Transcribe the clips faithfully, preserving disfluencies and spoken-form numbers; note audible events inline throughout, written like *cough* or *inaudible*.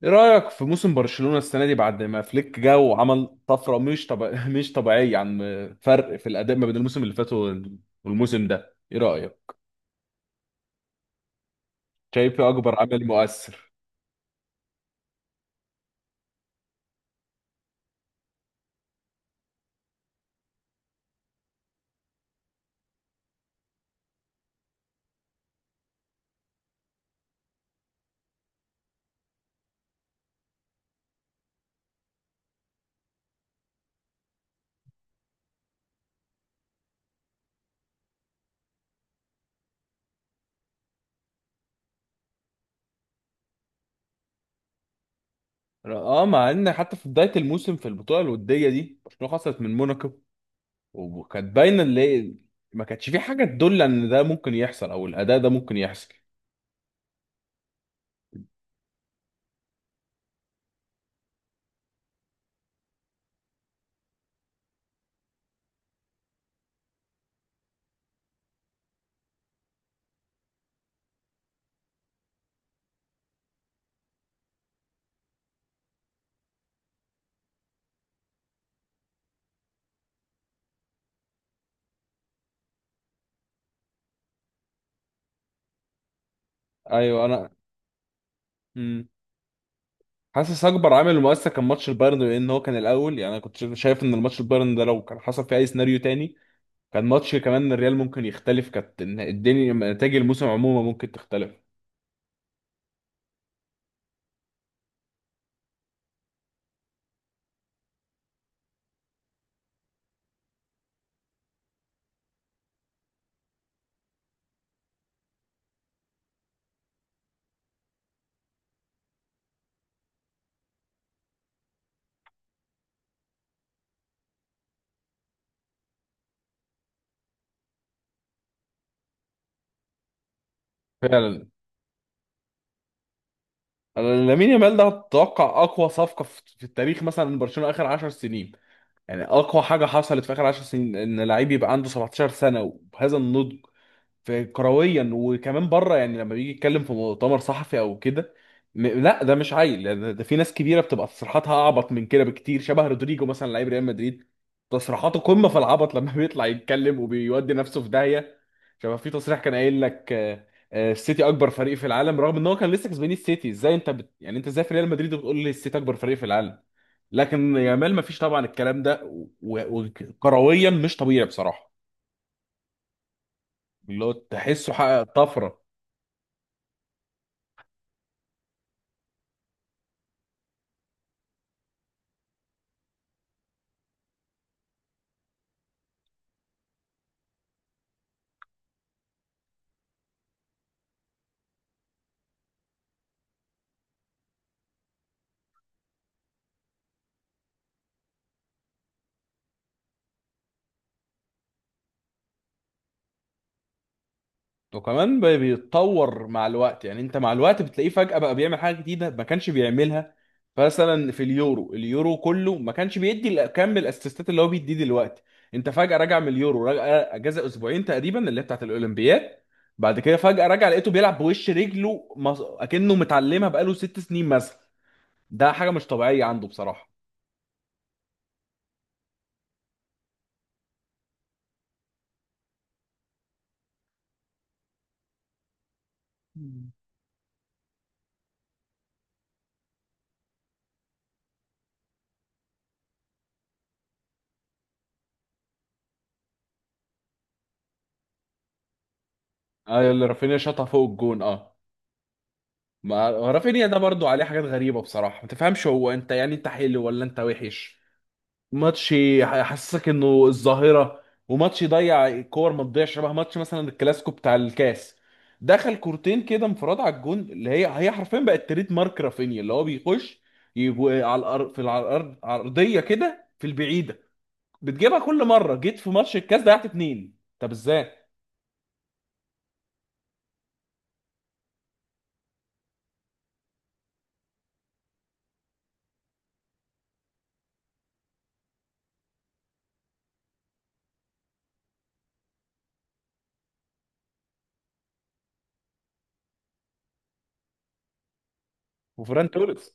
ايه رأيك في موسم برشلونة السنة دي بعد ما فليك جه وعمل طفرة مش طب... *laughs* مش طبيعية عن فرق في الأداء ما بين الموسم اللي فات وال- والموسم ده، ايه رأيك؟ شايف إيه اكبر عامل مؤثر؟ اه، مع ان حتى في بداية الموسم في البطولة الودية دي برشلونة خسرت من موناكو، وكانت باينة اللي ما كانتش في حاجة تدل ان ده ممكن يحصل او الأداء ده ممكن يحصل. ايوه انا. مم. حاسس اكبر عامل مؤثر كان ماتش البايرن، لان هو كان الاول. يعني انا كنت شايف شايف ان الماتش البايرن ده لو كان حصل فيه اي سيناريو تاني كان ماتش كمان الريال ممكن يختلف، كانت الن- الدنيا نتائج الموسم عموما ممكن تختلف. فعلا. أنا لامين يامال ده اتوقع اقوى صفقه في في التاريخ مثلا من برشلونه اخر 10 سنين، يعني اقوى حاجه حصلت في اخر 10 سنين ان لعيب يبقى عنده 17 سنه وبهذا النضج في كرويا وكمان بره. يعني لما بيجي يتكلم في مؤتمر صحفي او كده، م... لا ده مش عيل ده، ده في ناس كبيره بتبقى تصريحاتها اعبط من كده بكتير. شبه رودريجو مثلا، لعيب ريال مدريد تصريحاته قمه في العبط، لما *laughs* بيطلع يتكلم وبيودي نفسه في داهيه. شبه في تصريح كان قايل لك آه، آه، السيتي اكبر فريق في العالم، رغم ان هو كان لسه كسبان السيتي. ازاي انت بت... يعني انت ازاي في ريال مدريد وبتقول لي السيتي اكبر فريق في العالم؟ لكن يامال ما فيش طبعا الكلام ده و- و- وكرويا مش طبيعي بصراحه. اللي هو تحسه حقق طفره، وكمان بي- بيتطور مع الوقت. يعني انت مع الوقت بتلاقيه فجأة بقى بيعمل حاجة جديدة ما كانش بيعملها. مثلا في اليورو، اليورو كله ما كانش بيدي ال- كم الاسيستات اللي هو بيديه دلوقتي. انت فجأة راجع من اليورو، راجع اجازة اسبوعين تقريبا اللي هي بتاعت الاولمبياد، بعد كده فجأة راجع لقيته بيلعب بوش رجله مص- اكنه متعلمها بقاله ست سنين مثلا. ده حاجة مش طبيعية عنده بصراحة. مم. ايوه اللي رافينيا شاطها فوق الجون. اه، ما رافينيا ده برضو عليه حاجات غريبة بصراحة، ما تفهمش هو، انت يعني انت حلو ولا انت وحش؟ ماتش يحسسك انه الظاهره، وماتش يضيع كور ما تضيعش. شبه ماتش مثلا الكلاسيكو بتاع الكاس، دخل كورتين كده انفراد على الجون اللي هي هي حرفيا بقت تريد مارك رافينيا، اللي هو بيخش يجو على الارض، في على الارض عرضيه كده في البعيده بتجيبها كل مره، جيت في ماتش الكاس ضيعت اتنين، طب ازاي؟ وفران توريس.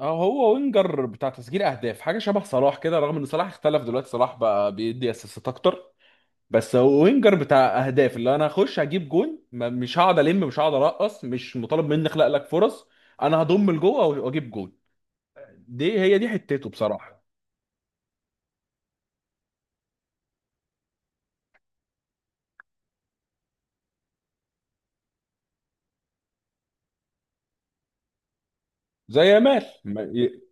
اه هو وينجر بتاع تسجيل اهداف، حاجه شبه صلاح كده، رغم ان صلاح اختلف دلوقتي، صلاح بقى بيدي اسيستات اكتر. بس هو وينجر بتاع اهداف، اللي انا هخش هجيب جون، ما- مش هقعد الم مش هقعد ارقص، مش مطالب مني اخلق لك فرص. انا هضم لجوه واجيب جون، دي هي دي حتته بصراحه. زي يامال ما- ي-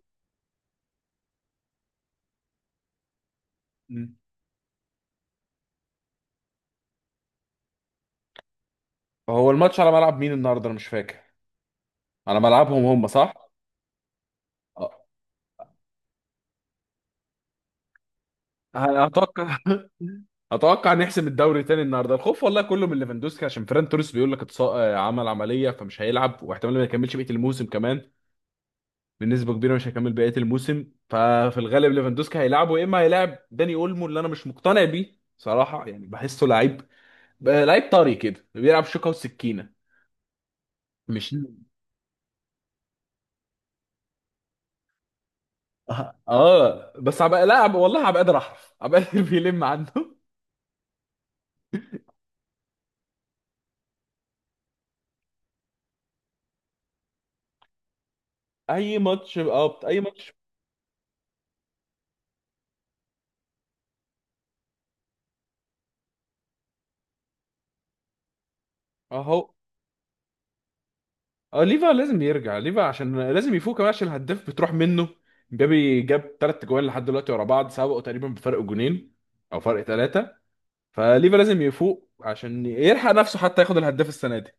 مم. هو الماتش على ملعب مين النهارده؟ انا مش فاكر. على ملعبهم هم صح؟ آه. أنا اتوقع *laughs* اتوقع نحسم الدوري تاني النهارده. الخوف والله كله من ليفاندوسكي، عشان فيران توريس بيقول لك اتص... آه، عمل عمليه فمش هيلعب واحتمال ما يكملش بقيه الموسم كمان، بنسبه كبيره مش هيكمل بقيه الموسم. ففي الغالب ليفاندوسكي هيلعبه، يا اما هيلاعب داني اولمو اللي انا مش مقتنع بيه صراحه. يعني بحسه لعيب، بقى لعيب طري كده بيلعب شوكه وسكينه، مش. اه بس هبقى لا هبقى- والله هبقى قادر احرف هبقى *laughs* قادر بيلم عنه. اي ماتش، اه اي ماتش. اهو. اه ليفا لازم يرجع، ليفا عشان لازم يفوق كمان عشان الهداف بتروح منه. جابي جاب ثلاث جوان لحد دلوقتي ورا بعض، سبقوا تقريبا بفرق جونين او فرق ثلاثه. فليفا لازم يفوق عشان يلحق نفسه حتى ياخد الهداف السنه دي.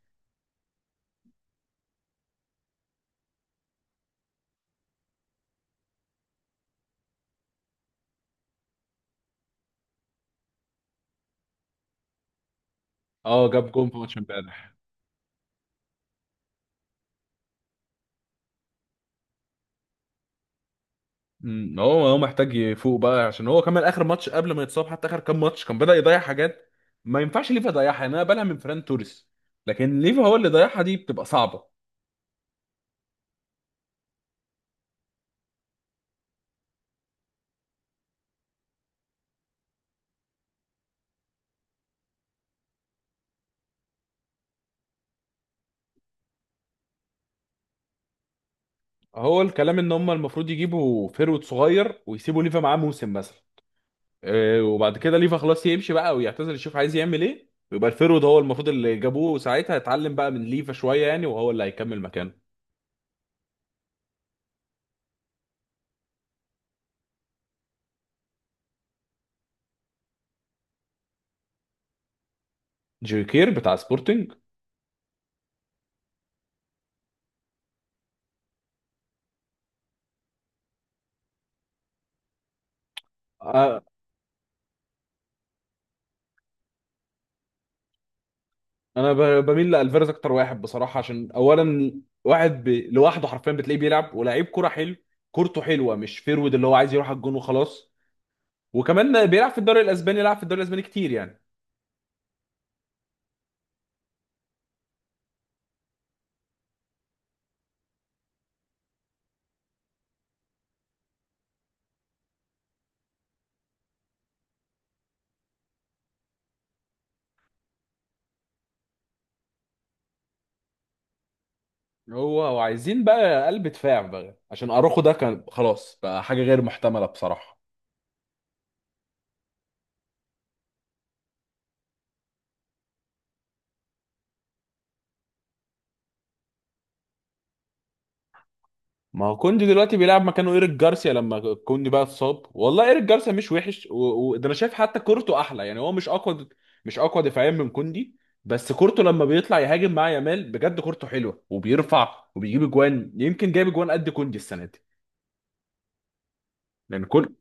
اه جاب جون في ماتش امبارح. امم، هو هو محتاج يفوق بقى، عشان هو كمان اخر ماتش قبل ما يتصاب حتى اخر كام ماتش كان بدأ يضيع حاجات ما ينفعش ليفا يضيعها. يعني انا بقالها من فران توريس، لكن ليفا هو اللي ضيعها، دي بتبقى صعبه. هو الكلام ان هم المفروض يجيبوا فيرود صغير ويسيبوا ليفا معاه موسم مثلا، إيه، وبعد كده ليفا خلاص يمشي بقى ويعتزل يشوف عايز يعمل ايه، ويبقى الفيرود هو المفروض اللي جابوه ساعتها يتعلم بقى من ليفا شويه، يعني وهو اللي هيكمل مكانه. جيري كير بتاع سبورتنج. آه، انا ب- بميل لالفيرز اكتر واحد بصراحه، عشان اولا واحد ب... لوحده حرفيا بتلاقيه بيلعب ولاعيب كرة حلو، كورته حلوه، مش فيرود اللي هو عايز يروح على الجون وخلاص، وكمان بيلعب في الدوري الاسباني، لعب في الدوري الاسباني كتير يعني. هو وعايزين بقى قلب دفاع بقى عشان اروخو ده كان خلاص بقى حاجه غير محتمله بصراحه. ما هو كوندي دلوقتي بيلعب مكانه ايريك جارسيا لما كوندي بقى اتصاب، والله ايريك جارسيا مش وحش، وده و... و- ده انا شايف حتى كورته احلى، يعني هو مش اقوى، مش اقوى دفاعيا من كوندي. بس كورته لما بيطلع يهاجم مع يامال بجد كورته حلوه، وبيرفع وبيجيب اجوان، يمكن جايب اجوان قد كوندي السنه دي. لان كل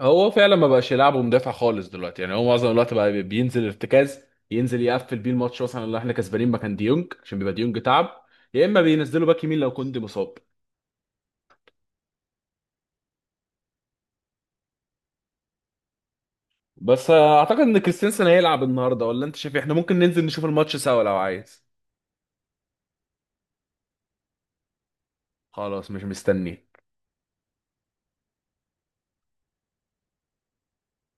هو فعلا ما بقاش يلعبه مدافع خالص دلوقتي، يعني هو معظم الوقت بقى بي- بينزل ارتكاز، ينزل يقفل بيه الماتش مثلا اللي احنا كسبانين مكان ديونج عشان بيبقى ديونج تعب، يا اما بينزله باك يمين لو كوندي مصاب. بس آه، اعتقد ان كريستنسن هيلعب النهارده، ولا انت شايف إيه؟ احنا ممكن ننزل نشوف الماتش سوا لو عايز. خلاص مش مستني.